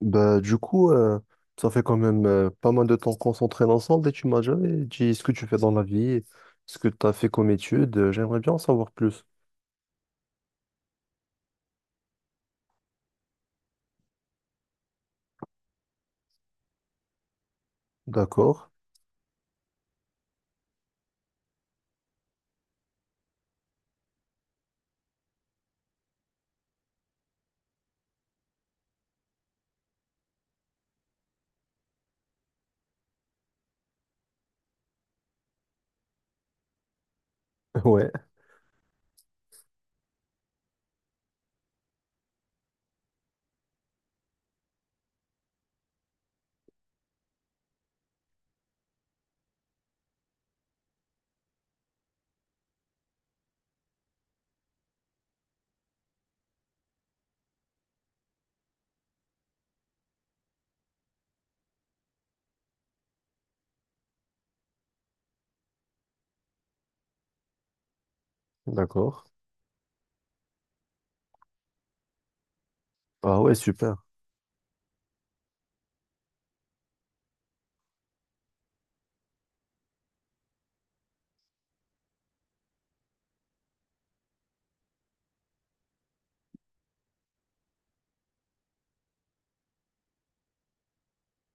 Bah, du coup, ça fait quand même pas mal de temps qu'on s'entraîne ensemble et tu m'as jamais dit ce que tu fais dans la vie, ce que tu as fait comme études. J'aimerais bien en savoir plus. D'accord. Ouais, d'accord. Ah ouais, super.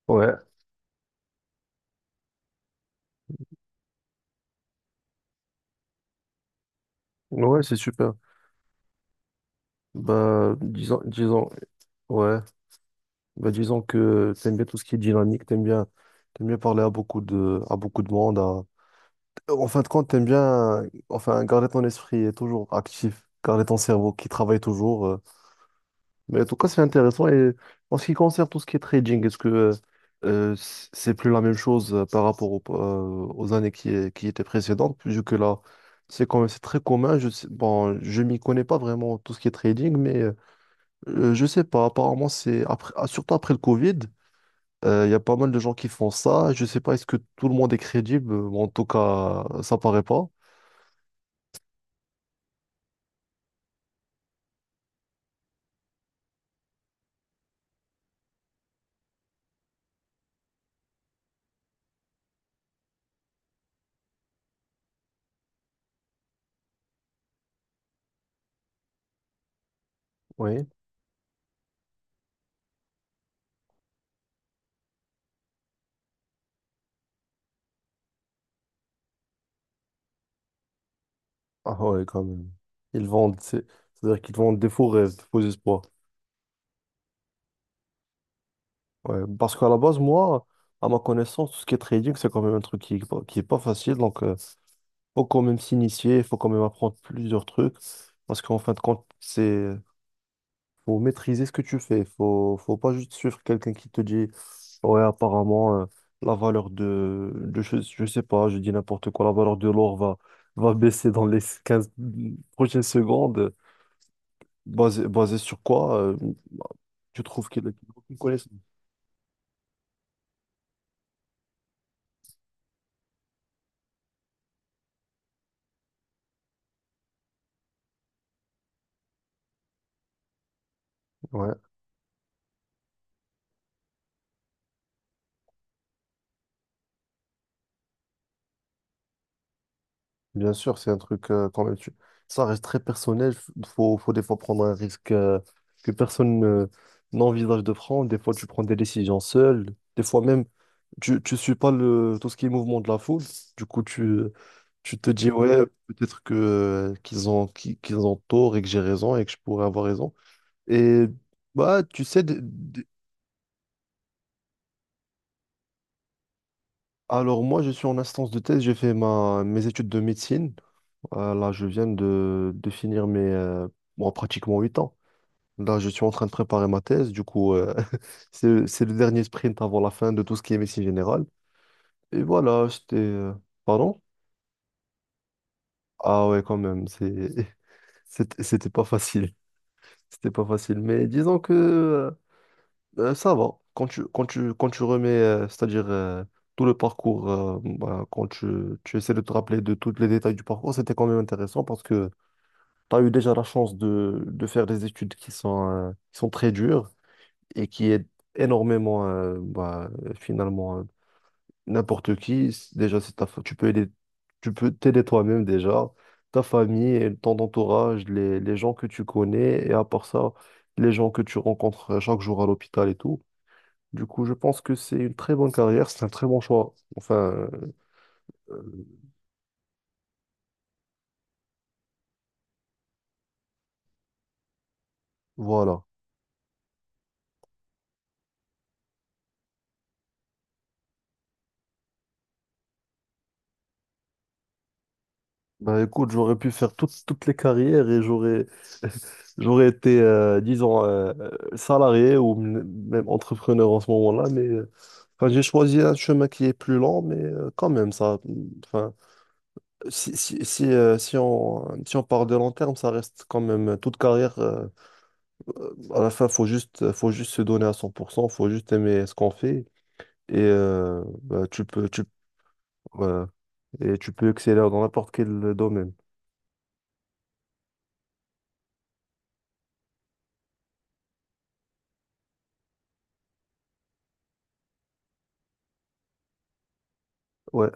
Ouais, ouais, c'est super. Bah, disons, ouais, bah, disons que t'aimes bien tout ce qui est dynamique, t'aimes bien parler à à beaucoup de monde. En fin de compte, t'aimes bien, enfin, garder ton esprit toujours actif, garder ton cerveau qui travaille toujours. Mais en tout cas, c'est intéressant. Et en ce qui concerne tout ce qui est trading, est-ce que c'est plus la même chose par rapport aux années qui étaient précédentes, vu que là, c'est quand même c'est très commun. Je sais, bon, je m'y connais pas vraiment tout ce qui est trading, mais je sais pas. Apparemment, surtout après le Covid, il y a pas mal de gens qui font ça. Je sais pas, est-ce que tout le monde est crédible? Bon, en tout cas, ça paraît pas. Oui. Ah ouais, quand même. Ils vendent, c'est-à-dire qu'ils vendent des faux rêves, des faux espoirs. Ouais, parce qu'à la base, moi, à ma connaissance, tout ce qui est trading, c'est quand même un truc qui est pas, facile. Donc, faut quand même s'initier, il faut quand même apprendre plusieurs trucs. Parce qu'en fin de compte, c'est faut maîtriser ce que tu fais. Faut pas juste suivre quelqu'un qui te dit, ouais, apparemment, la valeur de je sais pas, je dis n'importe quoi, la valeur de l'or va baisser dans les 15 prochaines secondes. Basé sur quoi? Tu trouves qu'il a aucune connaissance. Bien sûr, c'est un truc quand même. Ça reste très personnel. Faut des fois prendre un risque que personne n'envisage de prendre. Des fois, tu prends des décisions seul. Des fois même, tu suis pas tout ce qui est mouvement de la foule. Du coup, tu te dis, ouais, peut-être que qu'ils ont tort et que j'ai raison et que je pourrais avoir raison. Et bah, tu sais, alors moi, je suis en instance de thèse. J'ai fait mes études de médecine. Là, je viens de finir mes bon, pratiquement 8 ans. Là, je suis en train de préparer ma thèse. Du coup, c'est le dernier sprint avant la fin de tout ce qui est médecine générale. Et voilà, j'étais, Pardon? Ah ouais, quand même, c'était pas facile. C'était pas facile. Mais disons que ça va. Quand tu remets, c'est-à-dire tout le parcours, bah, quand tu essaies de te rappeler de tous les détails du parcours, c'était quand même intéressant parce que. Tu as eu déjà la chance de faire des études qui sont très dures et qui aident énormément, bah, finalement, n'importe qui. Déjà, tu peux aider, tu peux t'aider toi-même déjà, ta famille, et ton entourage, les gens que tu connais et à part ça, les gens que tu rencontres chaque jour à l'hôpital et tout. Du coup, je pense que c'est une très bonne carrière, c'est un très bon choix. Enfin, euh, voilà. Bah écoute, j'aurais pu faire toutes les carrières et j'aurais j'aurais été, disons, salarié ou même entrepreneur en ce moment-là, mais enfin, j'ai choisi un chemin qui est plus lent, mais quand même, ça, enfin, si on part de long terme, ça reste quand même toute carrière. À la fin, faut juste se donner à 100%. Faut juste aimer ce qu'on fait et bah, tu peux, voilà. Et tu peux exceller dans n'importe quel domaine. Ouais,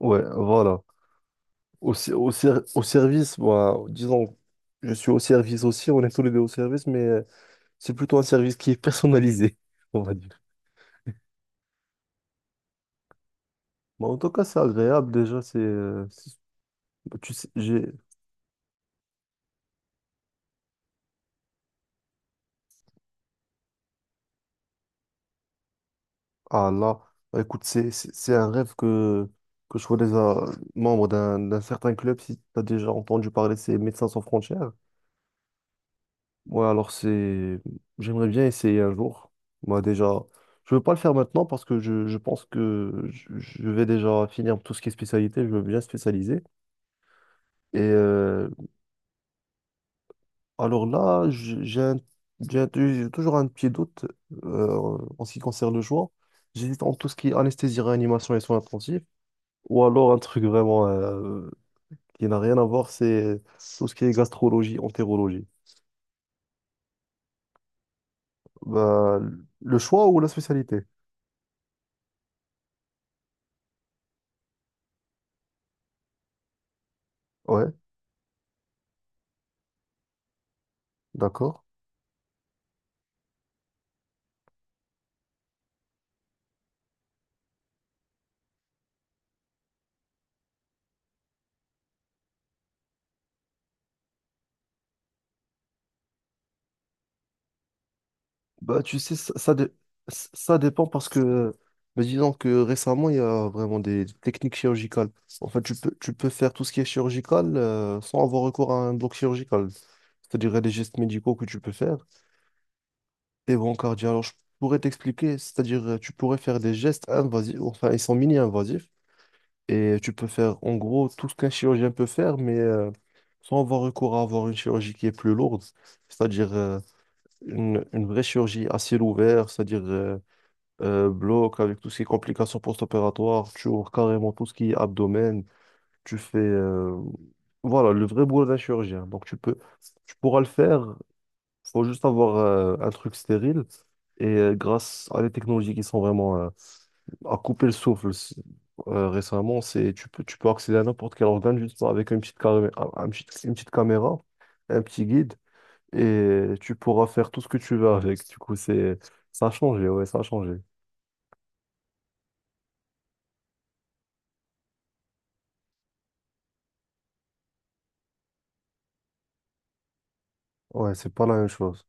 ouais, voilà. Au service, moi, disons, je suis au service aussi, on est tous les deux au service, mais c'est plutôt un service qui est personnalisé, on va dire. Bon, en tout cas, c'est agréable déjà, Tu sais, j'ai. Ah là, bah, écoute, c'est un rêve que je sois déjà membre d'un certain club, si tu as déjà entendu parler, c'est Médecins sans frontières. Ouais, alors c'est. J'aimerais bien essayer un jour. Moi, déjà, je veux pas le faire maintenant parce que je pense que je vais déjà finir tout ce qui est spécialité. Je veux bien spécialiser. Et alors là, j'ai toujours un petit doute en ce qui concerne le choix. J'hésite entre tout ce qui est anesthésie, réanimation et soins intensifs. Ou alors un truc vraiment qui n'a rien à voir, c'est tout ce qui est gastrologie, entérologie. Bah, le choix ou la spécialité? Ouais, d'accord. Bah, tu sais, ça dépend parce que, mais disons que récemment, il y a vraiment des techniques chirurgicales. En fait, tu peux faire tout ce qui est chirurgical sans avoir recours à un bloc chirurgical. C'est-à-dire il y a des gestes médicaux que tu peux faire. Et bon, cardio, alors je pourrais t'expliquer. C'est-à-dire, tu pourrais faire des gestes invasifs, enfin, ils sont mini-invasifs. Et tu peux faire, en gros, tout ce qu'un chirurgien peut faire, mais sans avoir recours à avoir une chirurgie qui est plus lourde. C'est-à-dire une, vraie chirurgie à ciel ouvert, c'est-à-dire. Bloc, avec tout ce qui est complications post-opératoires, tu ouvres carrément tout ce qui est abdomen, tu fais. Voilà, le vrai boulot d'un chirurgien. Donc tu pourras le faire, faut juste avoir un truc stérile. Et grâce à des technologies qui sont vraiment à couper le souffle récemment, tu peux accéder à n'importe quel organe juste avec une petite caméra, un petit guide, et tu pourras faire tout ce que tu veux avec. Du coup, ça a changé, ouais, ça a changé. Ouais, c'est pas la même chose.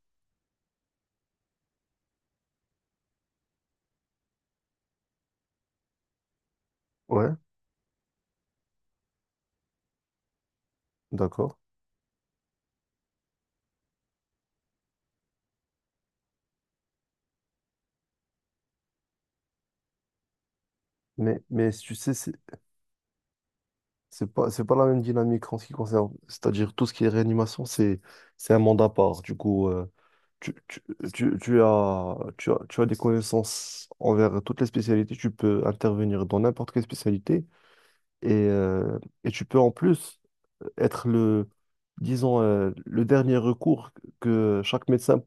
Ouais, d'accord. Mais tu sais, c'est pas la même dynamique en ce qui concerne. C'est-à-dire, tout ce qui est réanimation, c'est un mandat à part. Du coup, tu, tu, tu, tu as, tu as, tu as des connaissances envers toutes les spécialités. Tu peux intervenir dans n'importe quelle spécialité. Et, euh, et tu peux en plus être disons, le dernier recours que chaque médecin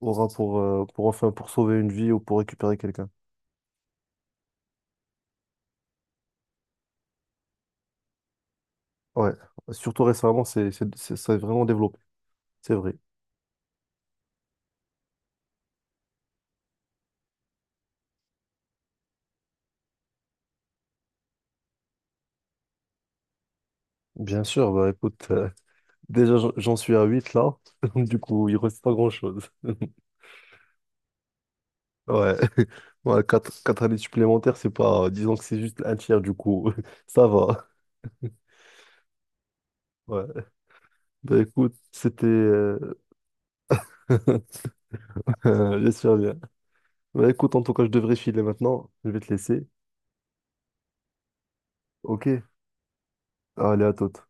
aura pour, enfin, pour sauver une vie ou pour récupérer quelqu'un. Ouais, surtout récemment, ça s'est vraiment développé, c'est vrai. Bien sûr, bah écoute, déjà j'en suis à 8 là, du coup il reste pas grand-chose. Ouais, ouais quatre années supplémentaires, c'est pas, disons que c'est juste un tiers du coup, ça va. Ouais, bah écoute, j'espère bien. Bah écoute, en tout cas, je devrais filer maintenant, je vais te laisser. Ok, allez à toute.